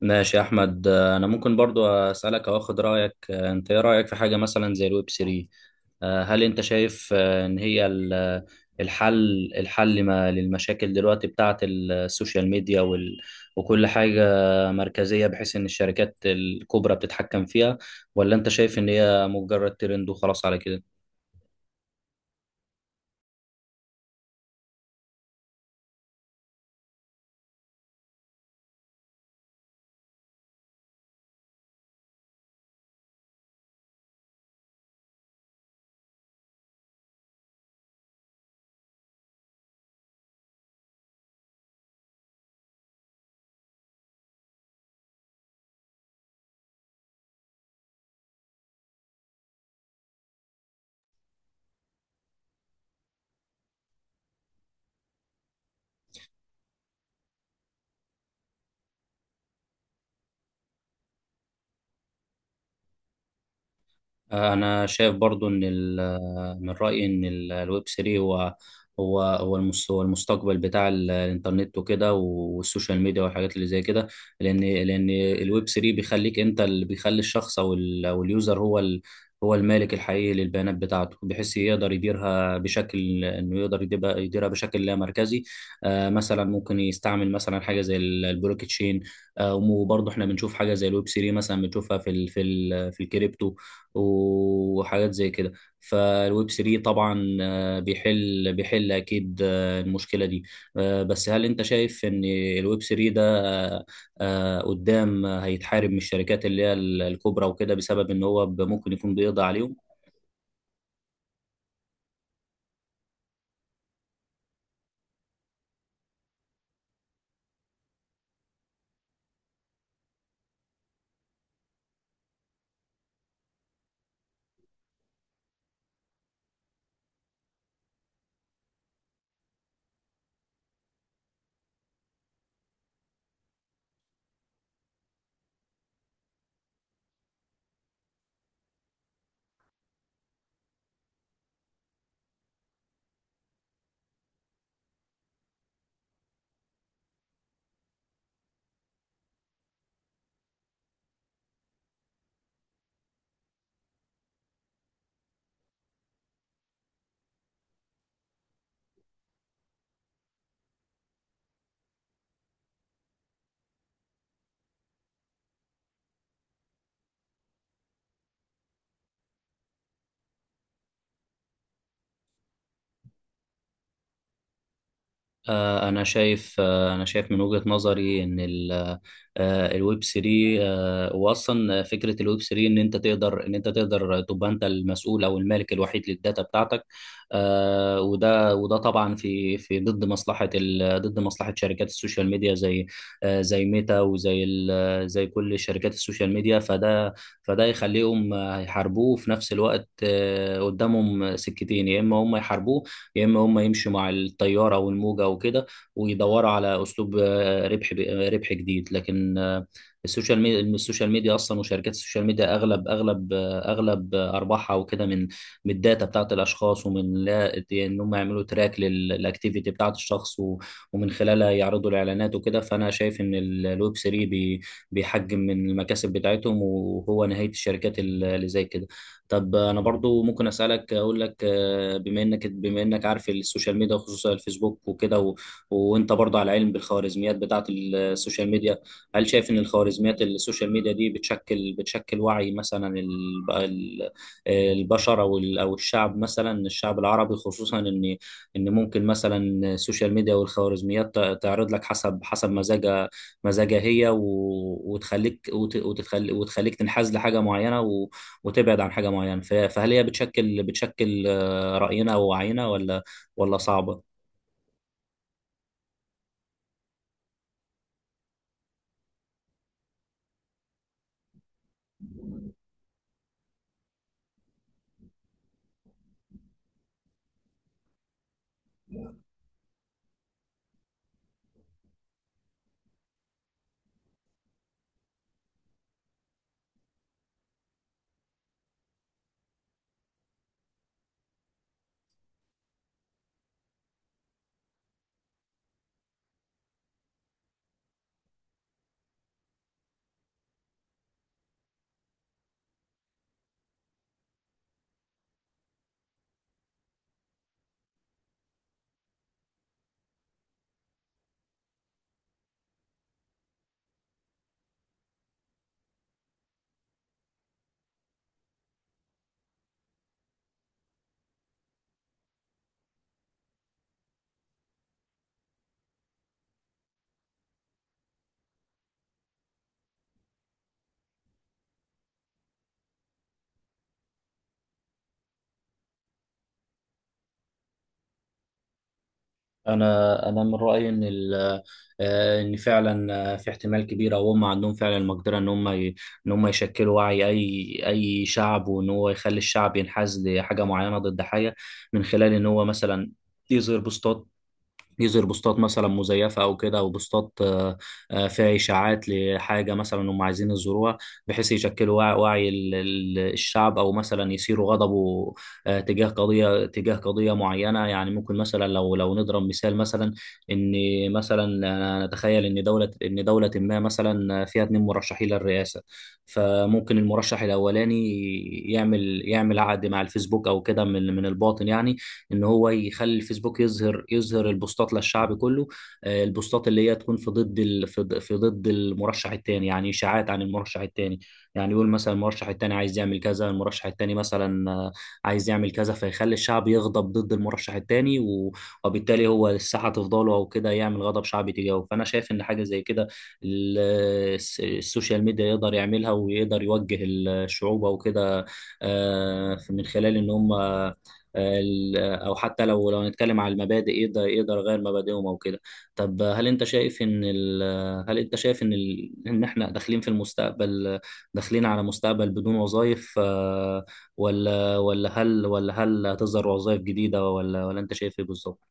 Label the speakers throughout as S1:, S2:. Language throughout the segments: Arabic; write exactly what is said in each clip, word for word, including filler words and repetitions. S1: ماشي يا احمد، آه، انا ممكن برضو اسالك او اخد رايك. آه، انت ايه رايك في حاجه مثلا زي الويب ثلاثة؟ آه، هل انت شايف آه، ان هي ال- الحل الحل ما للمشاكل دلوقتي بتاعه السوشيال ميديا وال وكل حاجه مركزيه، بحيث ان الشركات الكبرى بتتحكم فيها؟ ولا انت شايف ان هي مجرد ترند وخلاص على كده؟ انا شايف برضو ان ال- آه، من رايي ان ال- آه، الويب ثري هو هو هو المس- هو المستقبل بتاع ال- آه، الانترنت وكده والسوشيال ميديا والحاجات اللي زي كده، لان لان الويب ثري بيخليك انت، اللي بيخلي الشخص او ال- او اليوزر هو ال- هو المالك الحقيقي للبيانات بتاعته، بحيث يقدر يديرها بشكل انه يقدر يديبها- يديرها بشكل لا مركزي. آه، مثلا ممكن يستعمل مثلا حاجه زي ال- البلوك تشين. آه، وبرضه احنا بنشوف حاجه زي الويب ثلاثة مثلا، بنشوفها في ال في ال في الكريبتو وحاجات زي كده. فالويب ثري طبعا آه، بيحل بيحل اكيد آه، المشكله دي. آه، بس هل انت شايف ان الويب ثري ده آه، آه، قدام هيتحارب من الشركات اللي هي الكبرى وكده، بسبب ان هو ب- ممكن يكون بيقضي عليهم؟ آه، أنا شايف آه، أنا شايف من وجهة نظري إن ال- آه، الويب ثري، آه، وأصلا فكرة الويب ثري إن أنت تقدر إن أنت تقدر تبقى أنت المسؤول أو المالك الوحيد للداتا بتاعتك. آه، وده وده طبعا في في ضد مصلحة ال- ضد مصلحة شركات السوشيال ميديا، زي آه، زي ميتا وزي ال- زي كل شركات السوشيال ميديا. فده فده يخليهم آه، يحاربوه. في نفس الوقت آه، قدامهم سكتين: يا إما هم يحاربوه، يا اما هم يمشوا مع التياره والموجه وكده ويدوروا على اسلوب آه، ربح ب- آه، ربح جديد. لكن آه، السوشيال ميديا السوشيال ميديا اصلا، وشركات السوشيال ميديا اغلب اغلب آه، اغلب آه، ارباحها وكده من من الداتا بتاعت الاشخاص، ومن لا ان هم يعملوا تراك للاكتيفيتي بتاعت الشخص و- ومن خلالها يعرضوا الاعلانات وكده. فانا شايف ان ال- الويب ثري بي- بيحجم من المكاسب بتاعتهم، وهو نهايه الشركات اللي زي كده. طب انا برضو ممكن اسالك اقول لك آه، بما انك بما انك عارف السوشيال ميديا، وخصوصا الفيسبوك وكده و... وانت برضو على علم بالخوارزميات بتاعه السوشيال ميديا، هل شايف ان الخوارزميات السوشيال ميديا دي بتشكل بتشكل وعي مثلا ال- ال- البشر، او ال... او الشعب، مثلا الشعب العربي؟ خصوصا ان ان ممكن مثلا السوشيال ميديا والخوارزميات ت- تعرض لك حسب حسب مزاجها. مزاجها هي و... وتخليك وت... وتخليك وتخليك تنحاز لحاجه معينه، و... وتبعد عن حاجة معينة. ف- فهل هي بتشكل بتشكل آه، رأينا ووعينا، ولا ولا صعبة؟ انا انا من رايي ان ال- آه، ان فعلا آه، في احتمال كبير، او هم عندهم فعلا المقدره ان هم ي- ان هم يشكلوا وعي اي اي شعب، وان هو يخلي الشعب ينحاز لحاجه معينه ضد حاجه، من خلال ان هو مثلا يظهر بوستات يظهر بوستات مثلا مزيفه او كده، او بوستات آه، آه، فيها اشاعات لحاجه مثلا هم عايزين يزوروها، بحيث يشكلوا وعي, وعي ال- ال- الشعب، او مثلا يثيروا غضبه آه، تجاه قضيه تجاه قضيه معينه. يعني ممكن مثلا لو لو نضرب مثال. مثلا ان مثلا أنا نتخيل ان دوله ان دوله ما مثلا فيها اتنين مرشحين للرئاسه. فممكن المرشح الاولاني يعمل يعمل عقد مع الفيسبوك او كده، من من الباطن يعني، ان هو يخلي الفيسبوك يظهر يظهر البوستات للشعب كله، آه، البوستات اللي هي تكون في ضد ال... في ض- في ضد المرشح الثاني، يعني اشاعات عن المرشح الثاني. يعني يقول مثلا المرشح الثاني عايز يعمل كذا، المرشح الثاني مثلا آه، عايز يعمل كذا، فيخلي الشعب يغضب ضد المرشح الثاني، و... وبالتالي هو الساحه تفضله او كده، يعمل غضب شعبي تجاهه. فانا شايف ان حاجه زي كده ال- الس- السوشيال ميديا يقدر يعملها، ويقدر يوجه الشعوب او كده آه، من خلال ان هم. او حتى لو لو نتكلم على المبادئ، يقدر يقدر يغير مبادئهم او كده. طب هل انت شايف ان ال... هل انت شايف ان ال... ان احنا داخلين في المستقبل، داخلين على مستقبل بدون وظائف؟ آه، ولا ولا هل ولا هل هتظهر وظائف جديدة؟ ولا ولا انت شايف ايه بالظبط؟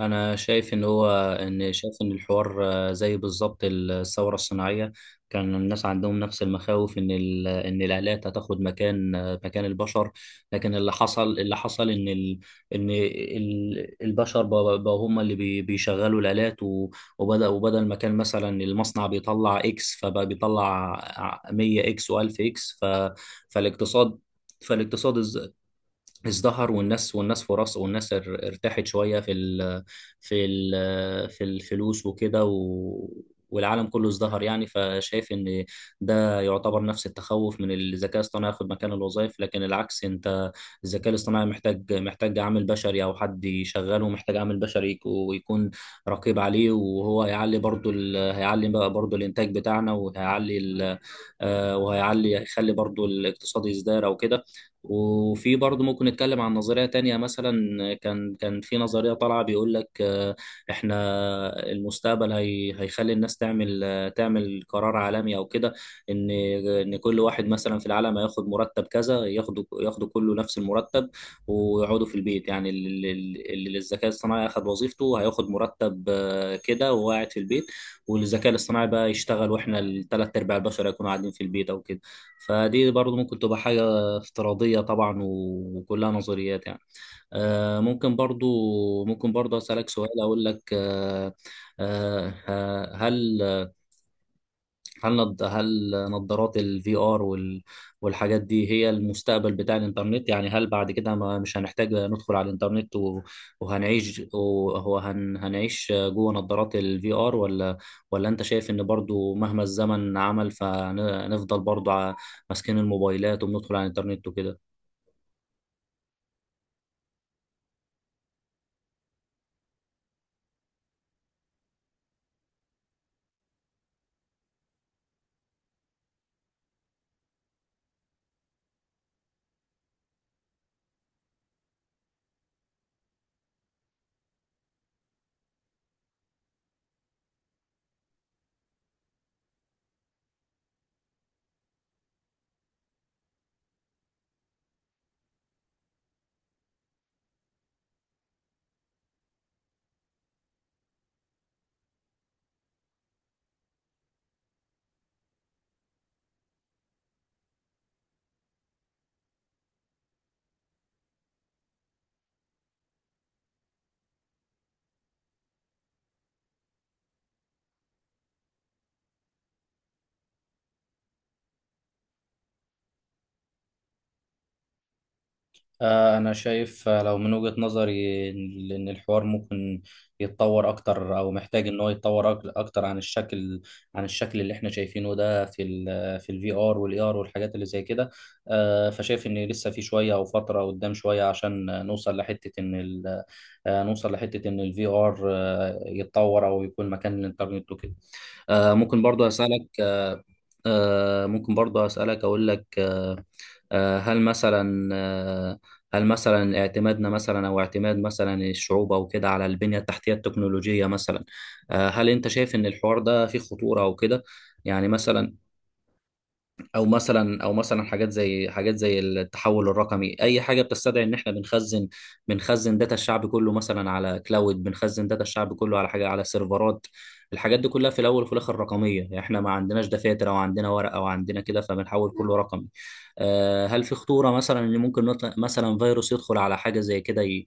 S1: انا شايف ان هو ان شايف ان الحوار آه، زي بالظبط الثوره الصناعيه. كان الناس عندهم نفس المخاوف ان ال- ان الالات هتاخد مكان آه، مكان البشر، لكن اللي حصل اللي حصل ان ال ان ال البشر بقوا بقوا هم اللي بي- بيشغلوا الالات، و- وبدا وبدل ما كان مثلا المصنع بيطلع اكس، فبقى بيطلع مية اكس و1000 اكس. ف فالاقتصاد فالاقتصاد ازدهر، والناس والناس فرص والناس ار- ارتاحت شويه في ال في ال في الفلوس وكده، و والعالم كله ازدهر يعني. فشايف ان ده يعتبر نفس التخوف من الذكاء الاصطناعي ياخد مكان الوظائف، لكن العكس. انت الذكاء الاصطناعي محتاج محتاج عامل بشري او حد يشغله، محتاج عامل بشري يك- ويكون رقيب عليه، وهو هيعلي برضو ال... هيعلي بقى برضو الانتاج بتاعنا، وهيعلي ال... آه، وهيعلي هيخلي برضو الاقتصاد يزدهر او كده. وفي برضه ممكن نتكلم عن نظرية تانية. مثلا كان كان في نظرية طالعة بيقول لك آه، احنا المستقبل هي هيخلي الناس تعمل آه، تعمل قرار عالمي او كده، ان ان كل واحد مثلا في العالم هياخد مرتب كذا، ياخدوا ياخدوا كله نفس المرتب، ويقعدوا في البيت. يعني اللي اللي الذكاء الصناعي اخد وظيفته هياخد مرتب آه، كده، وهو قاعد في البيت، والذكاء الاصطناعي بقى يشتغل، واحنا الثلاث ارباع البشر هيكونوا قاعدين في البيت او كده. فدي برضه ممكن تبقى حاجة افتراضية طبعا، وكلها نظريات يعني. آه، ممكن برضو ممكن برضو أسألك سؤال. أقول لك آه، آه، آه، هل هل نض- هل نظارات الفي ار والحاجات دي هي المستقبل بتاع الإنترنت؟ يعني هل بعد كده ما مش هنحتاج ندخل على الإنترنت، و- وهنعيش وهو هن- هنعيش جوه نظارات الفي ار؟ ولا ولا أنت شايف إن برضو مهما الزمن عمل فنفضل برضو ع- ماسكين الموبايلات وبندخل على الإنترنت وكده؟ آه، أنا شايف آه، لو من وجهة نظري إن إن الحوار ممكن يتطور أكتر، أو محتاج إن هو يتطور أك- أكتر عن الشكل، عن الشكل اللي إحنا شايفينه ده في ال في الفي آر والإي آر والحاجات اللي زي كده. آه، فشايف إن لسه في شوية أو فترة قدام شوية عشان آه، نوصل لحتة إن ال آه، نوصل لحتة إن الفي آر يتطور أو يكون مكان الإنترنت وكده. آه، ممكن برضو أسألك آه، آه، ممكن برضو أسألك أقول لك آه، هل مثلا آه، هل مثلا اعتمادنا مثلا، او اعتماد مثلا الشعوب او كده على البنية التحتية التكنولوجية مثلا، آه، هل انت شايف ان الحوار ده فيه خطورة او كده؟ يعني مثلا، او مثلا او مثلا حاجات زي حاجات زي التحول الرقمي، اي حاجه بتستدعي ان احنا بنخزن بنخزن داتا الشعب كله، مثلا على كلاود، بنخزن داتا الشعب كله على حاجه، على سيرفرات. الحاجات دي كلها في الاول وفي الاخر رقميه، يعني احنا ما عندناش دفاتر او عندنا ورق او عندنا كده، فبنحول كله رقمي. آه، هل في خطوره مثلا ان ممكن نطلع مثلا فيروس يدخل على حاجه زي كده ي-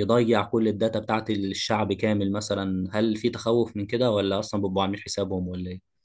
S1: يضيع كل الداتا بتاعت الشعب كامل مثلا؟ هل في تخوف من كده، ولا اصلا بيبقوا عاملين حسابهم، ولا ايه؟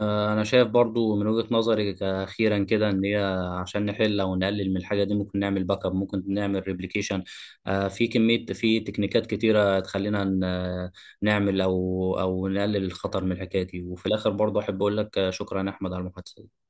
S1: آه، أنا شايف برضو من وجهة نظري، أخيرا كده، إن هي عشان نحل أو نقلل من الحاجة دي ممكن نعمل باك اب، ممكن نعمل ريبليكيشن. آه، في كمية، في تكنيكات كتيرة تخلينا ن- نعمل أو أو نقلل الخطر من الحكاية دي. وفي الآخر برضو أحب أقول لك آه، شكرا يا أحمد على المحادثة دي.